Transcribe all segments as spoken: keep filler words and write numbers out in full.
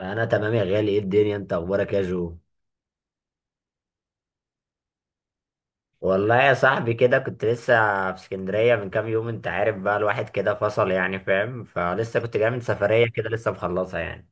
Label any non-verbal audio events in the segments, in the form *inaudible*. انا تمام يا غالي، ايه الدنيا، انت اخبارك يا جو؟ والله يا صاحبي كده كنت لسه في اسكندريه من كام يوم، انت عارف بقى الواحد كده فصل، يعني فاهم؟ فلسه كنت جاي من سفريه كده لسه مخلصها يعني.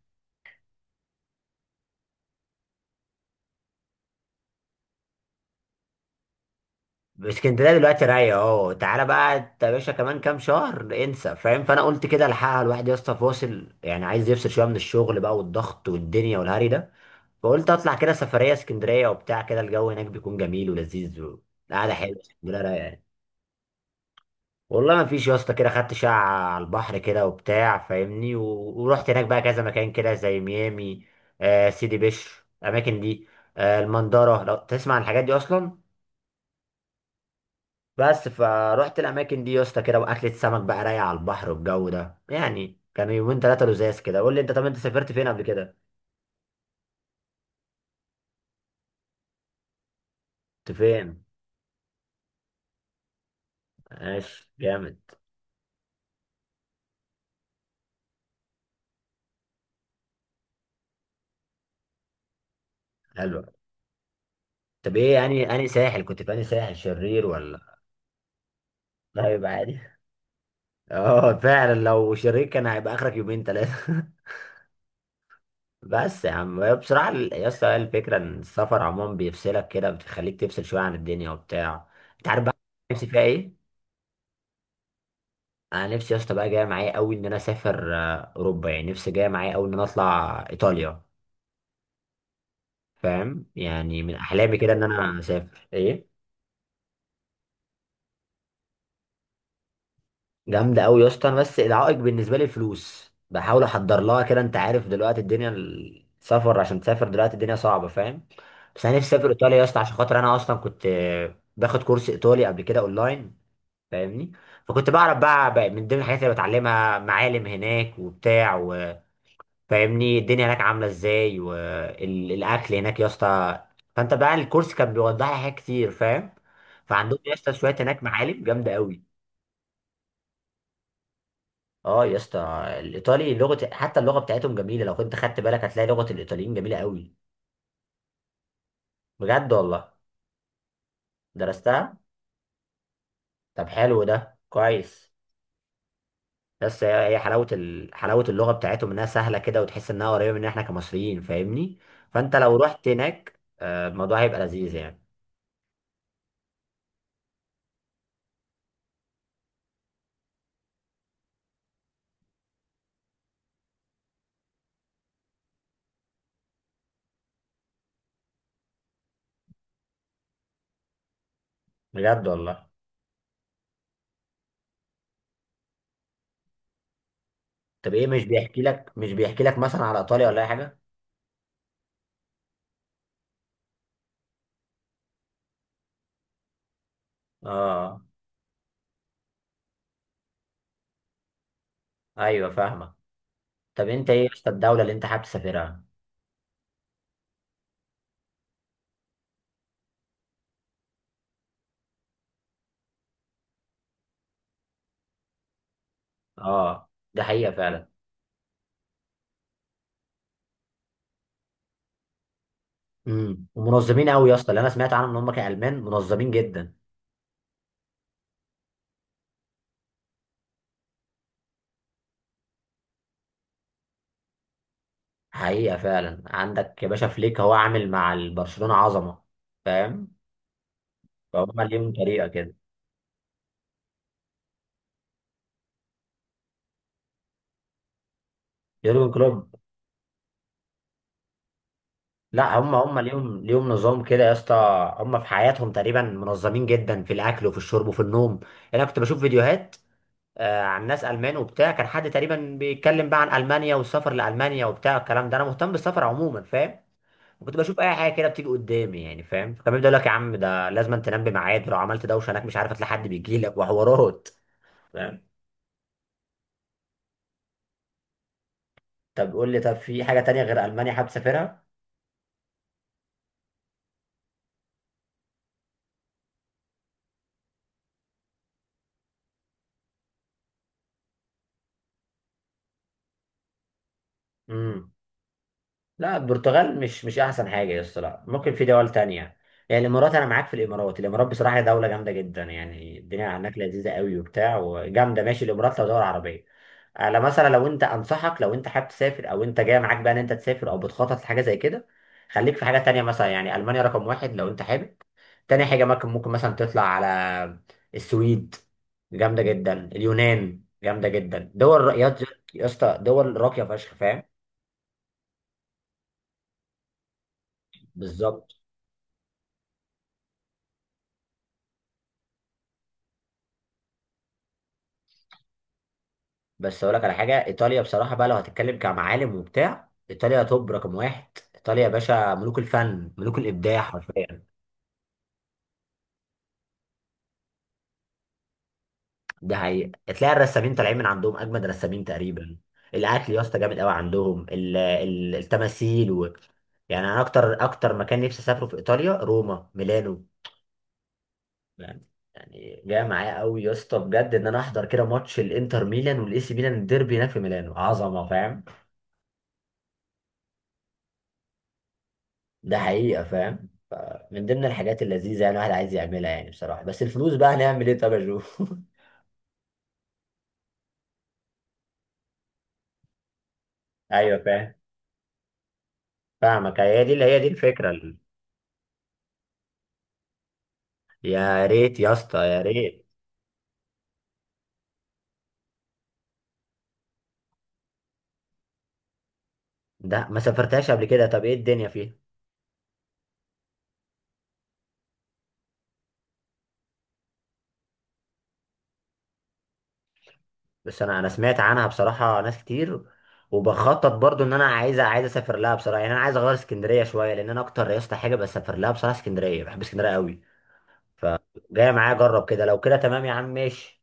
اسكندريه دلوقتي رايقه اهو، تعالى بقى انت يا باشا كمان كام شهر انسى، فاهم؟ فانا قلت كده الحقها الواحد يا اسطى فاصل، يعني عايز يفصل شويه من الشغل بقى والضغط والدنيا والهري ده. فقلت اطلع كده سفريه اسكندريه وبتاع كده، الجو هناك بيكون جميل ولذيذ وقعده حلوه، اسكندريه رايقه يعني. والله ما فيش يا اسطى، كده خدت شقة على البحر كده وبتاع فاهمني، و... ورحت هناك بقى كذا مكان كده، زي ميامي، آه، سيدي بشر، الاماكن دي، آه، المندرة، لو تسمع عن الحاجات دي اصلا. بس فروحت الاماكن دي يا اسطى كده، واكلة سمك بقى رايقة على البحر، والجو ده يعني كانوا يومين ثلاثة لزاز كده. قول لي انت، طب انت سافرت فين قبل كده؟ كنت فين؟ ماشي، جامد، حلو. طب ايه يعني انهي ساحل كنت، في انهي ساحل، شرير ولا؟ لا يبقى عادي. *laughs* اه فعلا، لو شرير كان هيبقى اخرك يومين ثلاثة. بس يا عم هي بصراحة ال- يا اسطى هي الفكرة ان السفر عموما بيفصلك كده، بتخليك تفصل شوية عن الدنيا وبتاع، انت عارف بقى. نفسي فيها ايه؟ انا نفسي يا اسطى بقى جاية معايا قوي ان انا اسافر آه، اوروبا. يعني نفسي جاية معايا قوي ان انا اطلع ايطاليا، فاهم؟ يعني من احلامي كده ان انا اسافر ايه؟ جامدة قوي يا اسطى. انا بس العائق بالنسبة لي الفلوس، بحاول احضر لها كده، انت عارف دلوقتي الدنيا السفر، عشان تسافر دلوقتي الدنيا صعبة، فاهم؟ بس انا نفسي اسافر ايطاليا يا اسطى، عشان خاطر انا اصلا كنت آه، باخد كورس ايطالي قبل كده اونلاين، فاهمني؟ فكنت بعرف بقى, بقى من ضمن الحاجات اللي بتعلمها معالم هناك وبتاع، وفاهمني الدنيا هناك عامله ازاي والاكل هناك يا اسطى. فانت بقى الكورس كان بيوضح لي حاجات كتير، فاهم؟ فعندهم يا اسطى شويه هناك معالم جامده قوي. اه يا اسطى، الايطالي لغه، حتى اللغه بتاعتهم جميله، لو كنت خدت بالك هتلاقي لغه الايطاليين جميله قوي. بجد والله درستها. طب حلو، ده كويس. بس هي هي حلاوة ال... حلاوة اللغة بتاعتهم انها سهلة كده، وتحس انها قريبة من احنا كمصريين، فاهمني؟ فانت لو رحت هناك آه، الموضوع هيبقى لذيذ يعني. بجد والله. طب ايه، مش بيحكي لك مش بيحكي لك مثلا على ايطاليا ولا اي حاجة؟ اه ايوه فاهمة. طب انت ايه يا اسطى الدولة اللي انت حابب تسافرها؟ اه ده حقيقة فعلا. امم، ومنظمين قوي يا اسطى، اللي انا سمعت عنهم ان هم كالمان منظمين جدا. حقيقة فعلا عندك يا باشا، فليك هو عامل مع البرشلونة عظمة، فاهم؟ فهم ليهم طريقة كده. يورجن كلوب. لا هم، هم ليهم ليهم نظام كده يا اسطى. هم في حياتهم تقريبا منظمين جدا، في الاكل وفي الشرب وفي النوم. انا كنت بشوف فيديوهات آه، عن ناس المان وبتاع، كان حد تقريبا بيتكلم بقى عن المانيا والسفر لالمانيا وبتاع الكلام ده، انا مهتم بالسفر عموما فاهم؟ وكنت بشوف اي حاجه كده بتيجي قدامي يعني، فاهم؟ كان بيبدا يقول لك يا عم ده لازم تنام بميعاد، ولو عملت دوشه هناك مش عارف هتلاقي حد بيجي لك وحوارات، فاهم؟ طب قول لي، طب في حاجه تانية غير المانيا حابب تسافرها؟ لا البرتغال مش مش احسن حاجه يا اسطى، لا ممكن في دول تانية. يعني الامارات، انا معاك في الامارات، الامارات بصراحه هي دوله جامده جدا، يعني الدنيا هناك لذيذه قوي وبتاع وجامده. ماشي الامارات لو دوله عربيه. على مثلا لو انت، انصحك لو انت حابب تسافر او انت جاي معاك بقى ان انت تسافر او بتخطط لحاجه زي كده، خليك في حاجه تانية مثلا، يعني المانيا رقم واحد لو انت حابب، تاني حاجه ممكن ممكن مثلا تطلع على السويد، جامده جدا، اليونان جامده جدا، دول يا يا اسطى دول راقيه فشخ، فاهم؟ بالظبط. بس اقول لك على حاجه، ايطاليا بصراحه بقى لو هتتكلم كمعالم وبتاع، ايطاليا توب رقم واحد. ايطاليا يا باشا ملوك الفن ملوك الابداع حرفيا. ده حقيقي، تلاقي الرسامين طالعين من عندهم اجمد رسامين تقريبا. الاكل يا اسطى جامد قوي، عندهم ال- ال- التماثيل و... يعني انا اكتر اكتر مكان نفسي اسافره في ايطاليا، روما، ميلانو، يعني. يعني جاي معايا قوي يا اسطى بجد ان انا احضر كده ماتش الانتر ميلان والاي سي ميلان، الديربي هناك في ميلانو عظمه، فاهم؟ ده حقيقة فاهم، ف- من ضمن الحاجات اللذيذة يعني الواحد عايز يعملها، يعني بصراحة بس الفلوس بقى هنعمل ايه طب يا جو. *laughs* ايوه فاهم. فاهمك، هي دي اللي هي دي الفكرة ال- يا ريت يا اسطى يا ريت. ده ما سافرتهاش قبل كده، طب ايه الدنيا فيها؟ بس انا انا سمعت عنها بصراحة ناس كتير، وبخطط برضو ان انا عايز عايز اسافر لها بصراحة. يعني انا عايز اغير اسكندرية شوية، لان انا اكتر يا اسطى حاجة بسافر لها بصراحة اسكندرية، بحب اسكندرية قوي. فجاية معايا اجرب كده، لو كده تمام يا عم ماشي.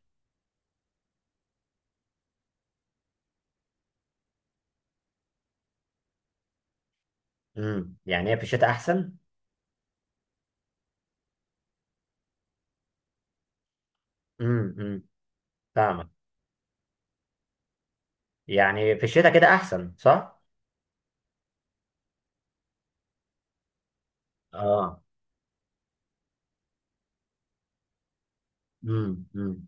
امم، يعني هي في الشتاء احسن. امم، امم، فاهمك. يعني في الشتاء كده احسن صح. اه، امم، امم.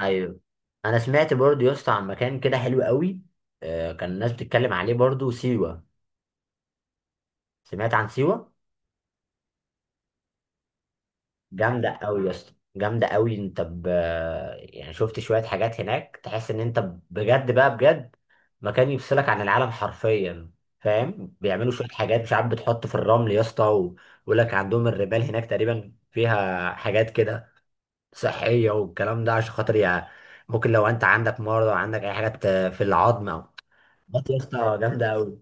ايوه، انا سمعت برضو يا اسطى عن مكان كده حلو قوي، آه، كان الناس بتتكلم عليه برضو سيوة. سمعت عن سيوة. جامده قوي يا اسطى جامده قوي. انت ب... آه، يعني شفت شويه حاجات هناك تحس ان انت، بجد بقى بجد، مكان يفصلك عن العالم حرفيا، فاهم؟ بيعملوا شويه حاجات مش عارف، بتحط في الرمل يا اسطى، ويقول لك عندهم الرمال هناك تقريبا فيها حاجات كده صحية والكلام ده، عشان خاطر يعني ممكن لو انت عندك مرض او عندك اي حاجات في العظم او، بط يا اسطى جامدة اوي.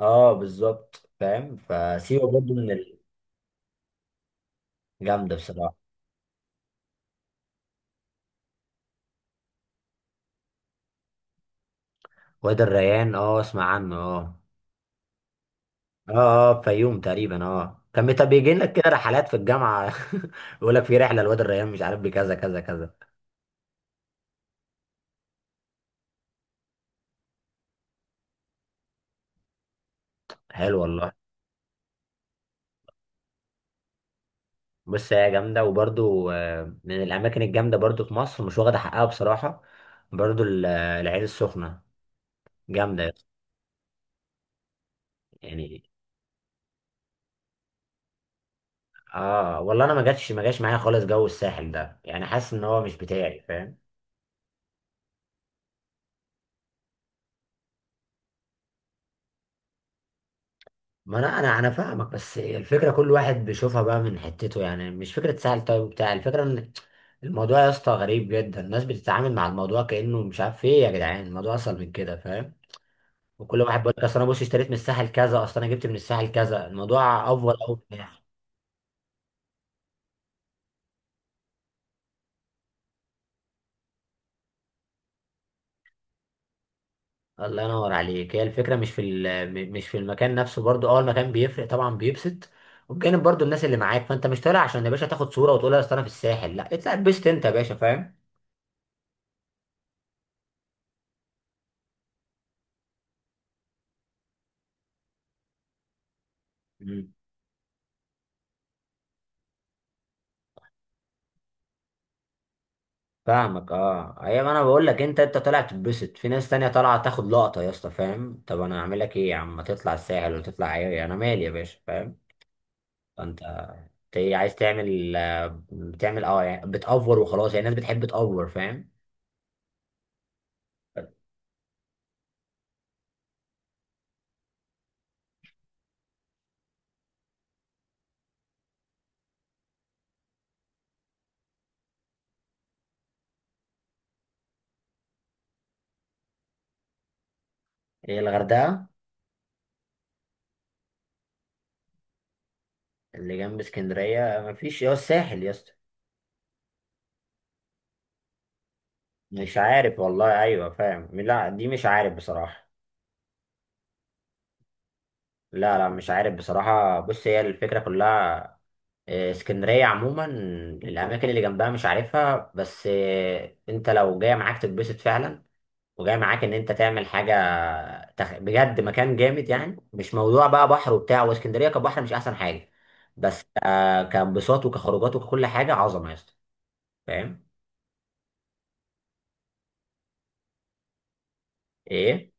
اه بالظبط فاهم، فسيوة برضو من الجامدة بصراحة. وادي الريان، اه اسمع عنه، اه. اه، اه فيوم تقريبا، اه كان بت- بيجي لك كده رحلات في الجامعة. *laughs* يقول لك في رحلة لوادي الريان، مش عارف بكذا كذا كذا. حلو والله. بص هي جامدة، وبرضو آه، من الأماكن الجامدة برضو في مصر مش واخدة حقها بصراحة، برضو ال- العين السخنة، جامدة يعني. اه والله انا ما جاتش ما جاش معايا خالص جو الساحل ده، يعني حاسس ان هو مش بتاعي، فاهم؟ ما انا انا انا فاهمك. بس الفكره كل واحد بيشوفها بقى من حتته، يعني مش فكره ساحل طيب بتاع، الفكره ان الموضوع يا اسطى غريب جدا، الناس بتتعامل مع الموضوع كانه مش عارف ايه، يا جدعان الموضوع اصل من كده فاهم؟ وكل واحد بيقول لك اصل انا بص اشتريت من الساحل كذا، اصل انا جبت من الساحل كذا، الموضوع افضل قوي. الله ينور عليك. هي الفكرة مش في ال- م- مش في المكان نفسه برضو. اه المكان بيفرق طبعا بيبسط، وبجانب برضو الناس اللي معاك، فانت مش طالع عشان يا باشا تاخد صورة وتقول لها اصل انا في الساحل، لا اطلع اتبسط انت يا باشا فاهم؟ مم. فاهمك. اه ايوه، انا بقول لك، انت انت طالع تتبسط في ناس تانية طالعة تاخد لقطة يا اسطى، فاهم؟ طب انا اعمل لك ايه يا عم، ما تطلع الساحل وتطلع ايه، انا مالي يا باشا، فاهم؟ فانت، انت إيه عايز تعمل آه، بتعمل اه يعني بتأفور وخلاص، يعني الناس بتحب تأفور، فاهم؟ ايه، الغردقة؟ اللي جنب اسكندرية مفيش يا الساحل يا اسطى. مش عارف والله، أيوة فاهم، لا دي مش عارف بصراحة. لا لا مش عارف بصراحة. بص هي الفكرة كلها، آه، اسكندرية عموما الأماكن اللي جنبها مش عارفها، بس آه، أنت لو جاي معاك تتبسط فعلا، وجاي معاك إن أنت تعمل حاجة، تخ... بجد مكان جامد، يعني مش موضوع بقى بحر وبتاع، واسكندرية كبحر مش أحسن حاجة. بس آه، كانبساط وكخروجات وككل حاجة عظمة يا اسطى، فاهم؟ إيه؟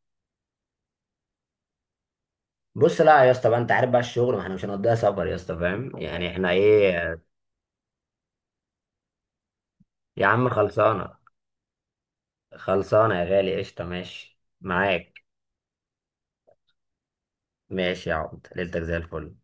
بص لا يا اسطى بقى، انت عارف بقى الشغل، ما احنا مش هنقضيها سفر يا اسطى، فاهم يعني احنا ايه. يا عم خلصانه. خلصانه يا غالي، قشطه، ماشي معاك. ماشي يا عبد، ليلتك زي الفل.